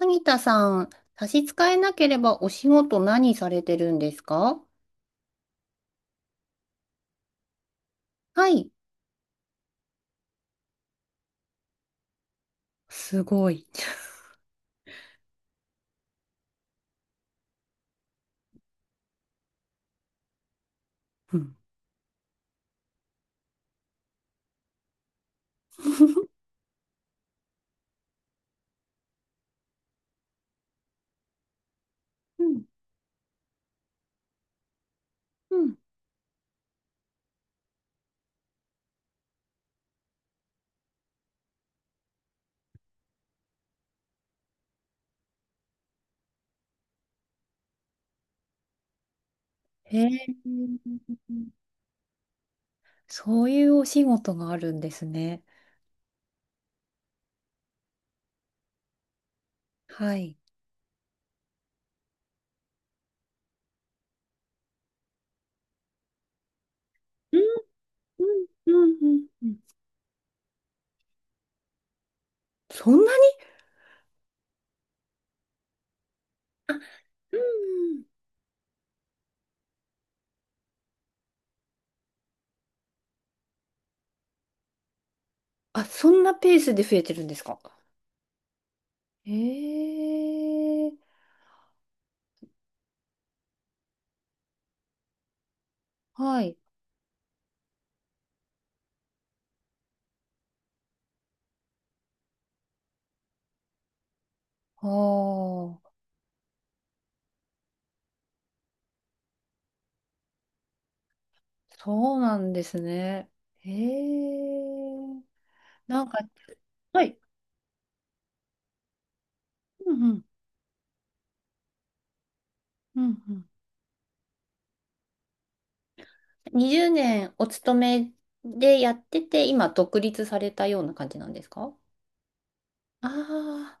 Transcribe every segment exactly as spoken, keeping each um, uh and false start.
萩田さん、差し支えなければお仕事何されてるんですか？はい。すごい。うん。うんうん、へえ。そういうお仕事があるんですね。はい。うんうんうんうんうん、そんなに、うんうん、あ、そんなペースで増えてるんですか？へえ。はい。ああ、そうなんですね。へえ。なんか、はい。うんうんうん。にじゅうねんお勤めでやってて、今独立されたような感じなんですか？ああ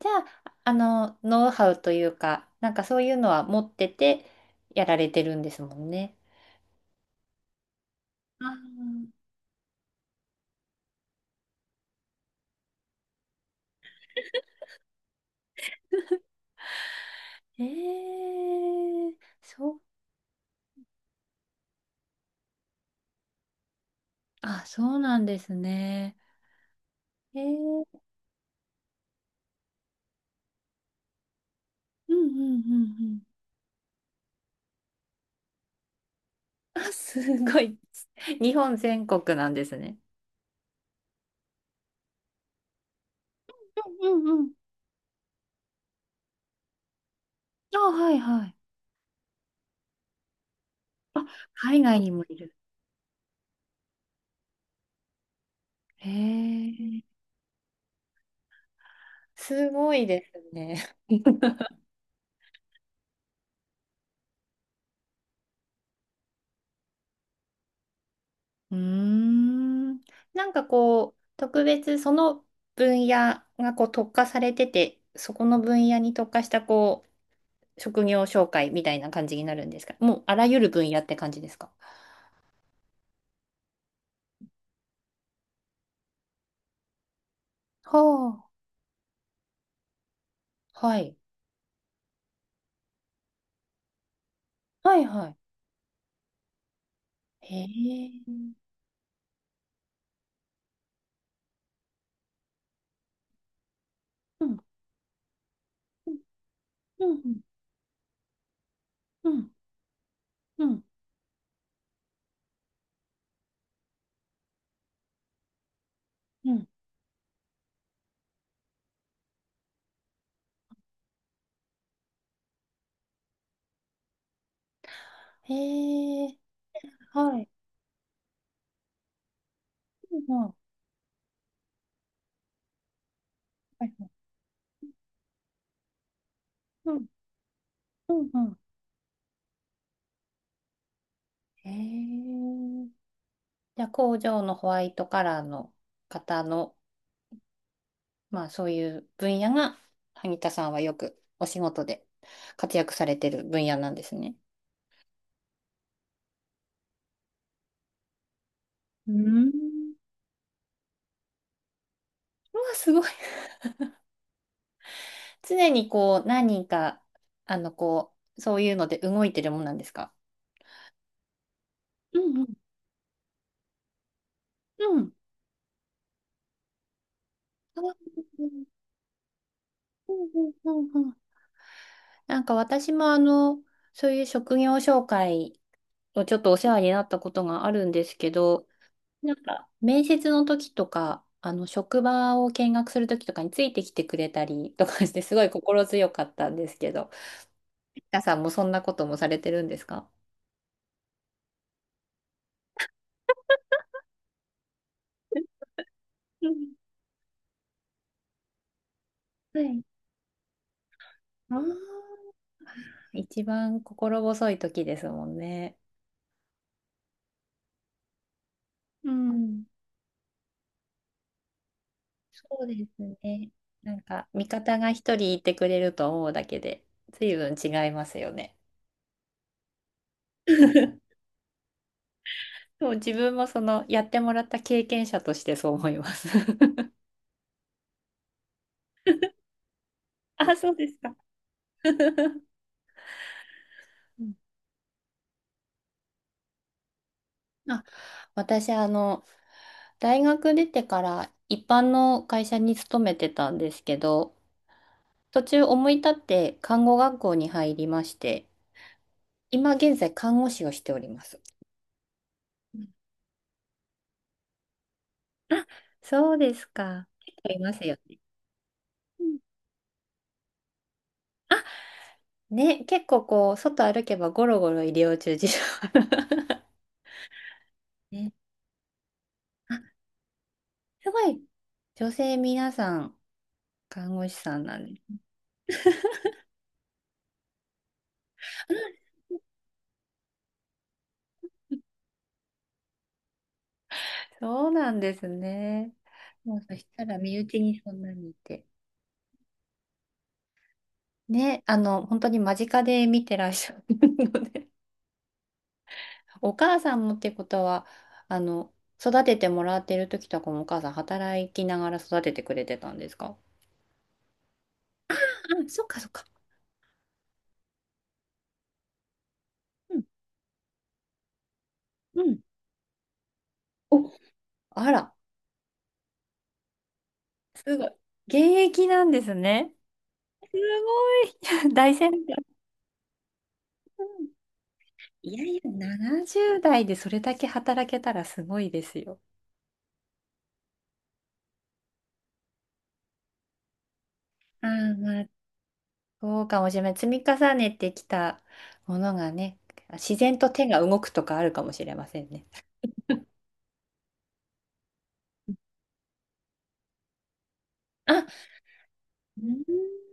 ー、じゃあ、あの、ノウハウというか、なんかそういうのは持っててやられてるんですもんね。あー、ええ、そう、あ、そうなんですね。えー、うんうんうんうん。あ、すごい。日本全国なんですね。うんうん。あ、はいはい。あ、海外にもいる。へえ。すごいですね。うーん。なんかこう、特別その分野がこう特化されてて、そこの分野に特化したこう、職業紹介みたいな感じになるんですか？もうあらゆる分野って感じですか？はあ、はい。はいはい。へえ。うん、うん、うん、うん、うん、うん。へえ。はい。うん、うん、はいはい、うん、うん、うん。へえ。じゃあ工場のホワイトカラーの方の、まあそういう分野が、萩田さんはよくお仕事で活躍されてる分野なんですね。うーん。うわ、すごい。常にこう、何人か、あの、こう、そういうので動いてるもんなんですか？うんうん。うん。あー、うんうんうんうん、なんか私もあの、そういう職業紹介をちょっとお世話になったことがあるんですけど、なんか、面接の時とか、あの、職場を見学する時とかについてきてくれたりとかして、すごい心強かったんですけど、皆さんもそんなこともされてるんですか？うん、はい。ああ、一番心細い時ですもんね。うん。そうですね。なんか、味方が一人いてくれると思うだけで、随分違いますよね。でも自分もその、やってもらった経験者としてそう思います。あ、そうですか。うん、あ、私、あの、大学出てから一般の会社に勤めてたんですけど、途中思い立って看護学校に入りまして、今現在看護師をしております。うん、あ、そうですか。結構いますよね。うん、あ、ね、結構こう、外歩けばゴロゴロ医療従事者。ね、あ、すごい。女性皆さん、看護師さんなんです。そうなんですね。もうそしたら身内にそんなにいて。ね、あの、本当に間近で見てらっしゃるので、お母さんもってことは、あの、育ててもらってる時とかもお母さん働きながら育ててくれてたんですか？あ、そっかそっか。うん、うん。お、あら、すごい。現役なんですね。すごい。大先輩。うん、いやいや、ななじゅうだい代でそれだけ働けたらすごいですよ。ああ、まあそうかもしれない。積み重ねてきたものがね、自然と手が動くとかあるかもしれませんね。あ、うん、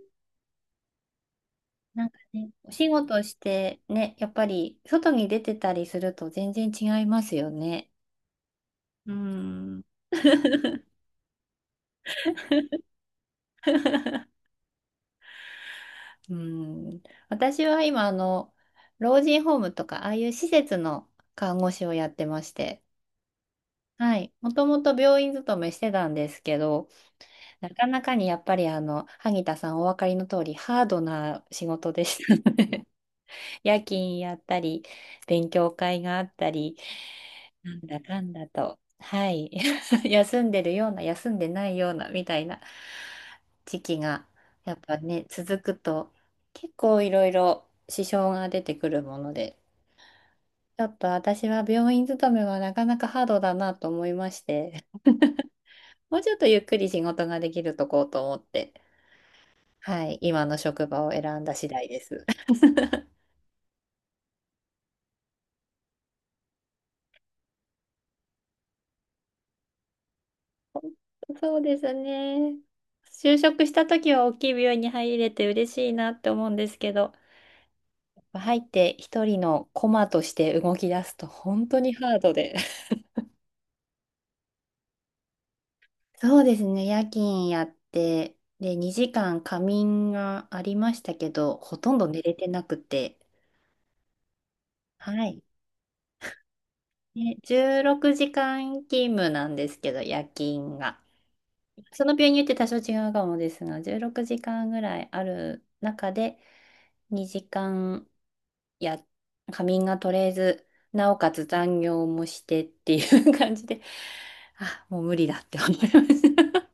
なんかね、お仕事してね、やっぱり外に出てたりすると全然違いますよね。うん。うん。私は今、あの、老人ホームとか、ああいう施設の看護師をやってまして、はい。もともと病院勤めしてたんですけど、なかなかにやっぱりあの、萩田さんお分かりの通り、ハードな仕事でしたので 夜勤やったり、勉強会があったり、なんだかんだと、はい、休んでるような、休んでないような、みたいな時期が、やっぱね、続くと、結構いろいろ支障が出てくるもので、ちょっと私は病院勤めはなかなかハードだなと思いまして、もうちょっとゆっくり仕事ができるとこうと思って。はい、今の職場を選んだ次第です。そうですね。就職した時は大きい病院に入れて嬉しいなって思うんですけど、入って一人のコマとして動き出すと本当にハードで。そうですね、夜勤やって、で、にじかん仮眠がありましたけど、ほとんど寝れてなくて、はい。ね、じゅうろくじかん勤務なんですけど、夜勤が。その病院によって多少違うかもですが、じゅうろくじかんぐらいある中で、にじかんや、仮眠が取れず、なおかつ残業もしてっていう感じで、あ、もう無理だって思いました。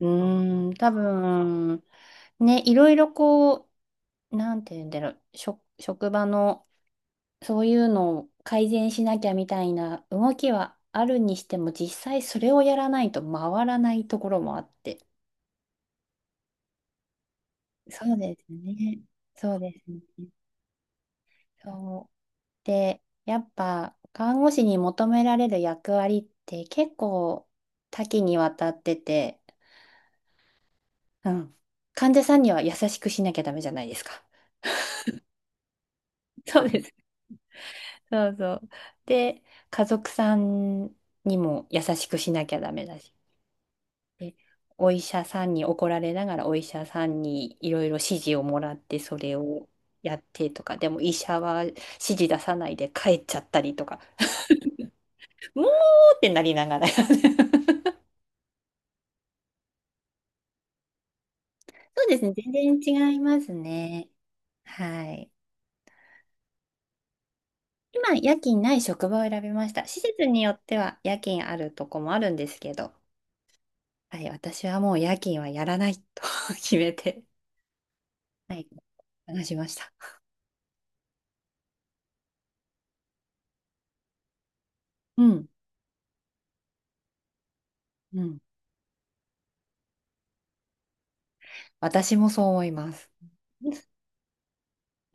うーん、多分、ね、いろいろこう、なんて言うんだろう、職、職場のそういうのを改善しなきゃみたいな動きはあるにしても、実際それをやらないと回らないところもあって。そうですね。そうですね。そう。で、やっぱ看護師に求められる役割って結構多岐にわたってて、うん。患者さんには優しくしなきゃダメじゃないですか？そうです。そうそう。で、家族さんにも優しくしなきゃダメだし。で、お医者さんに怒られながらお医者さんにいろいろ指示をもらってそれをやってとか、でも医者は指示出さないで帰っちゃったりとか。もうってなりながら。そう、そうですね。全然違いますね。はい。今、夜勤ない職場を選びました。施設によっては夜勤あるとこもあるんですけど、はい、私はもう夜勤はやらないと 決めて、はい、話しました。うん、うん。私もそう思います。